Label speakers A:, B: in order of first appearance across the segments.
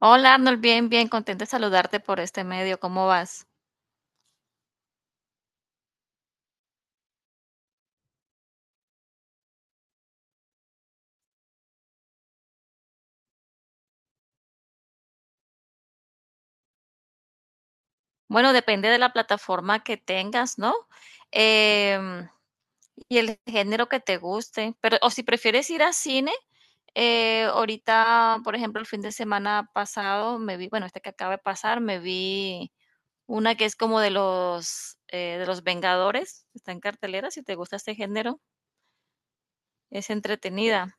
A: Hola Arnold, bien, bien, contenta de saludarte por este medio. ¿Cómo vas? Bueno, depende de la plataforma que tengas, ¿no? Em, y el género que te guste. Pero, o si prefieres ir a cine, ahorita, por ejemplo, el fin de semana pasado me vi, bueno, este que acaba de pasar, me vi una que es como de los Vengadores, está en cartelera, si te gusta este género, es entretenida.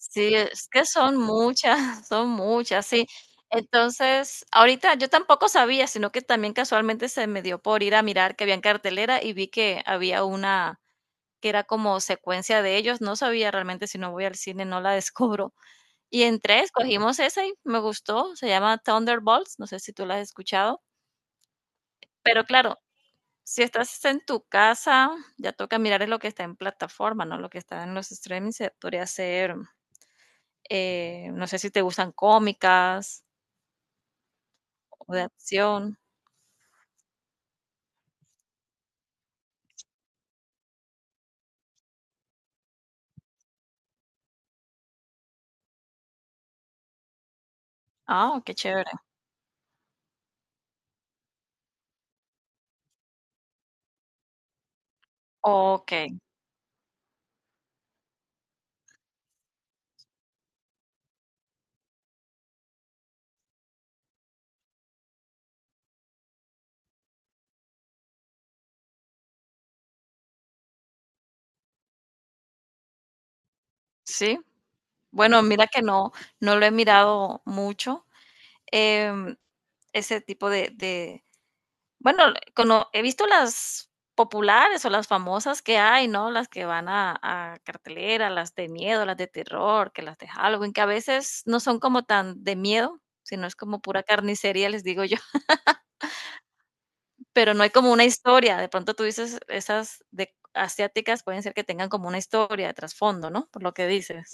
A: Sí, es que son muchas, son muchas, sí. Entonces, ahorita yo tampoco sabía, sino que también casualmente se me dio por ir a mirar que había en cartelera y vi que había una que era como secuencia de ellos. No sabía realmente, si no voy al cine, no la descubro. Y entré, escogimos esa y me gustó. Se llama Thunderbolts, no sé si tú la has escuchado, pero claro, si estás en tu casa, ya toca mirar es lo que está en plataforma, ¿no? Lo que está en los streamings, se podría ser. No sé si te gustan cómicas o de acción. Ah, oh, qué chévere. Okey, sí. Bueno, mira que no, no lo he mirado mucho, em, ese tipo de bueno, cono he visto las populares o las famosas que hay, ¿no? Las que van a cartelera, las de miedo, las de terror, que las de Halloween, que a veces no son como tan de miedo, sino es como pura carnicería, les digo yo. Pero no hay como una historia. De pronto tú dices, esas de asiáticas pueden ser que tengan como una historia de trasfondo, ¿no? Por lo que dices.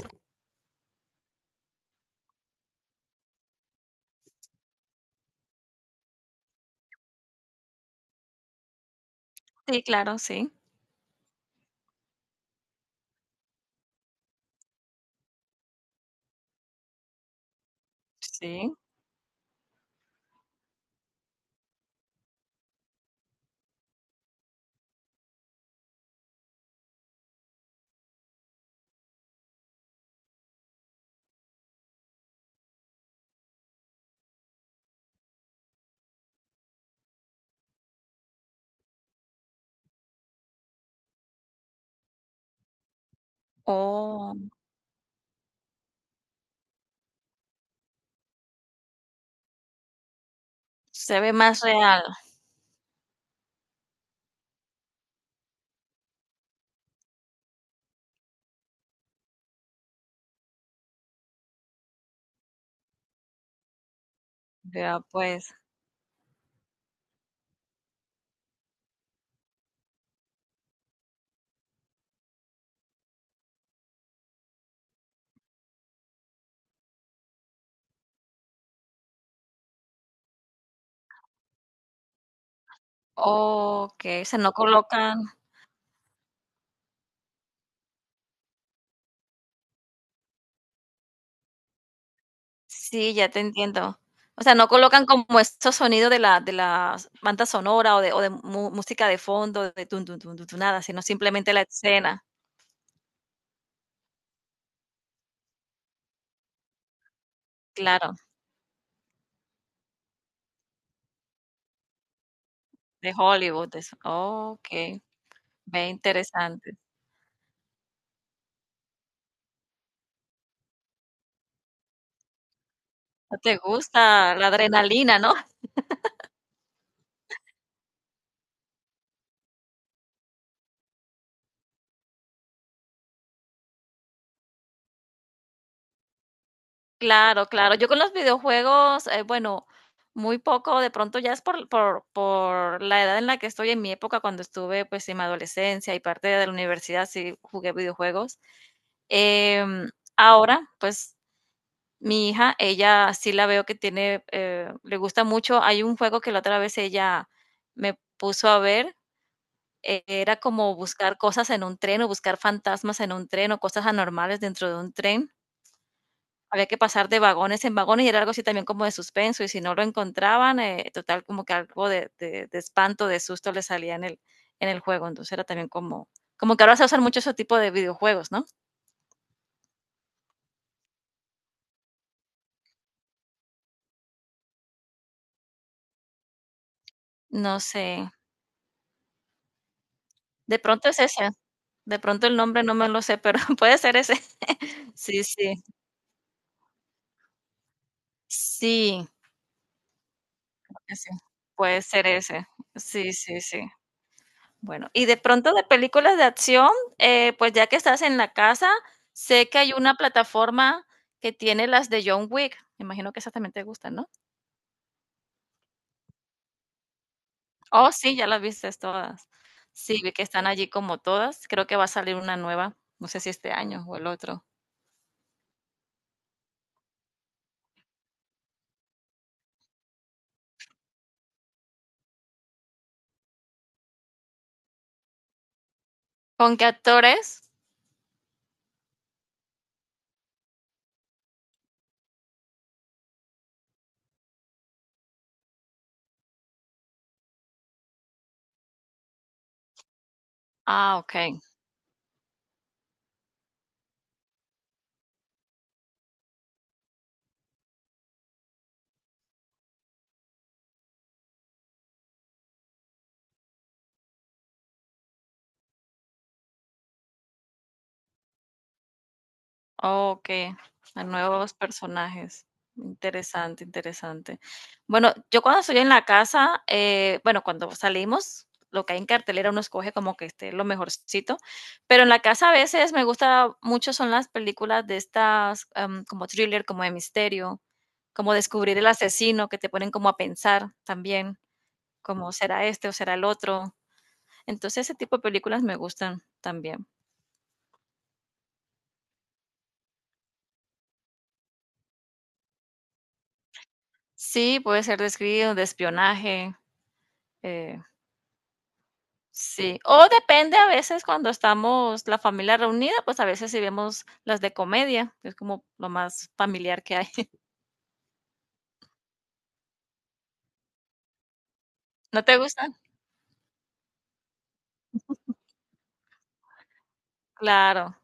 A: Sí, claro, sí. Sí. Oh, se ve más real. Ya pues. Okey, o sea, no colocan, sí, ya te entiendo. O sea, no colocan como estos sonidos de la banda sonora o de mu música de fondo de tun, tun, tun, tun, tun, nada, sino simplemente la escena. Claro, de Hollywood, de eso. Okey, ve interesante. No te gusta la adrenalina, ¿no? Claro, claro. Yo con los videojuegos, bueno, muy poco, de pronto ya es por la edad en la que estoy, en mi época, cuando estuve, pues, en mi adolescencia y parte de la universidad, sí jugué videojuegos. Em, Ahora, pues, mi hija, ella sí la veo que tiene, le gusta mucho. Hay un juego que la otra vez ella me puso a ver, era como buscar cosas en un tren, o buscar fantasmas en un tren, o cosas anormales dentro de un tren. Había que pasar de vagones en vagones y era algo así también como de suspenso y si no lo encontraban, total como que algo de espanto, de susto le salía en en el juego, entonces era también como, como que ahora se usan mucho ese tipo de videojuegos, ¿no? No sé, de pronto es ese, de pronto el nombre no me lo sé, pero puede ser ese. Sí, sí, sí, creo que sí, puede ser ese. Sí, sí, sí. Bueno, y de pronto de películas de acción, pues ya que estás en la casa, sé que hay una plataforma que tiene las de John Wick. Me imagino que esas también te gustan, ¿no? Oh, sí, ya las viste todas. Sí, vi que están allí como todas. Creo que va a salir una nueva, no sé si este año o el otro. ¿Con qué actores? Ah, ok. Okey, a nuevos personajes. Interesante, interesante. Bueno, yo cuando estoy en la casa, bueno, cuando salimos, lo que hay en cartelera uno escoge como que esté lo mejorcito, pero en la casa a veces me gusta mucho son las películas de estas, como thriller, como de misterio, como descubrir el asesino, que te ponen como a pensar también, como será este o será el otro. Entonces, ese tipo de películas me gustan también. Sí, puede ser de escribir, de espionaje, eh sí, o depende a veces cuando estamos la familia reunida, pues a veces sí vemos las de comedia, que es como lo más familiar que hay. ¿No te gustan? Claro.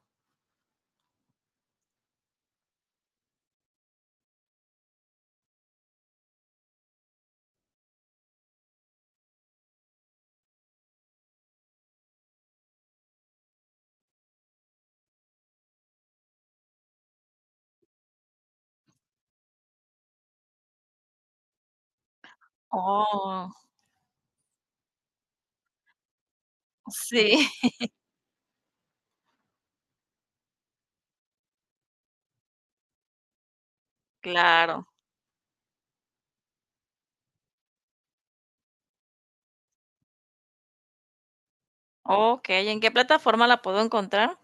A: Oh, sí, claro. Okey, ¿en qué plataforma la puedo encontrar?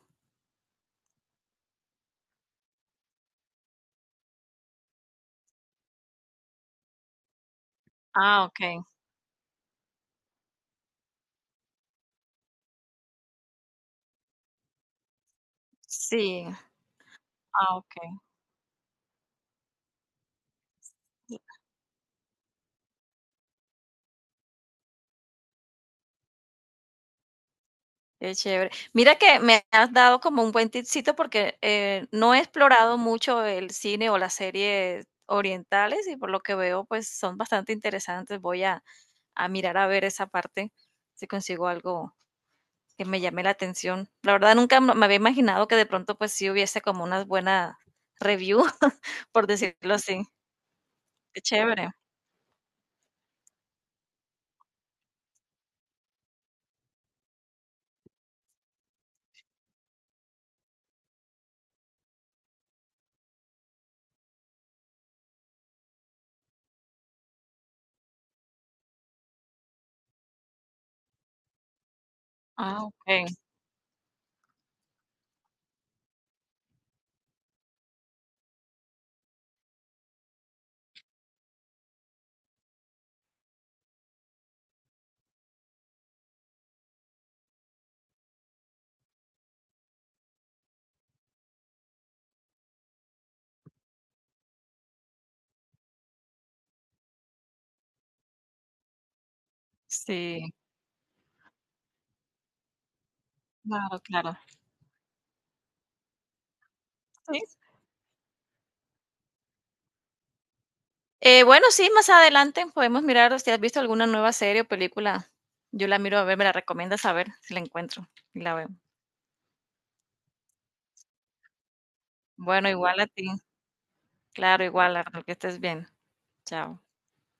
A: Ah, okey. Sí. Ah, okey. Qué chévere. Mira que me has dado como un buen tipcito porque no he explorado mucho el cine o las series orientales y por lo que veo pues son bastante interesantes. Voy a mirar a ver esa parte si consigo algo que me llame la atención. La verdad nunca me había imaginado que de pronto pues sí hubiese como una buena review, por decirlo así. Qué chévere. Ah, ok. Sí, claro, claro. Sí, bueno, sí, más adelante podemos mirar si has visto alguna nueva serie o película. Yo la miro a ver, me la recomiendas a ver si la encuentro y la veo. Bueno, igual a ti. Claro, igual, Arnold, que estés bien. Chao.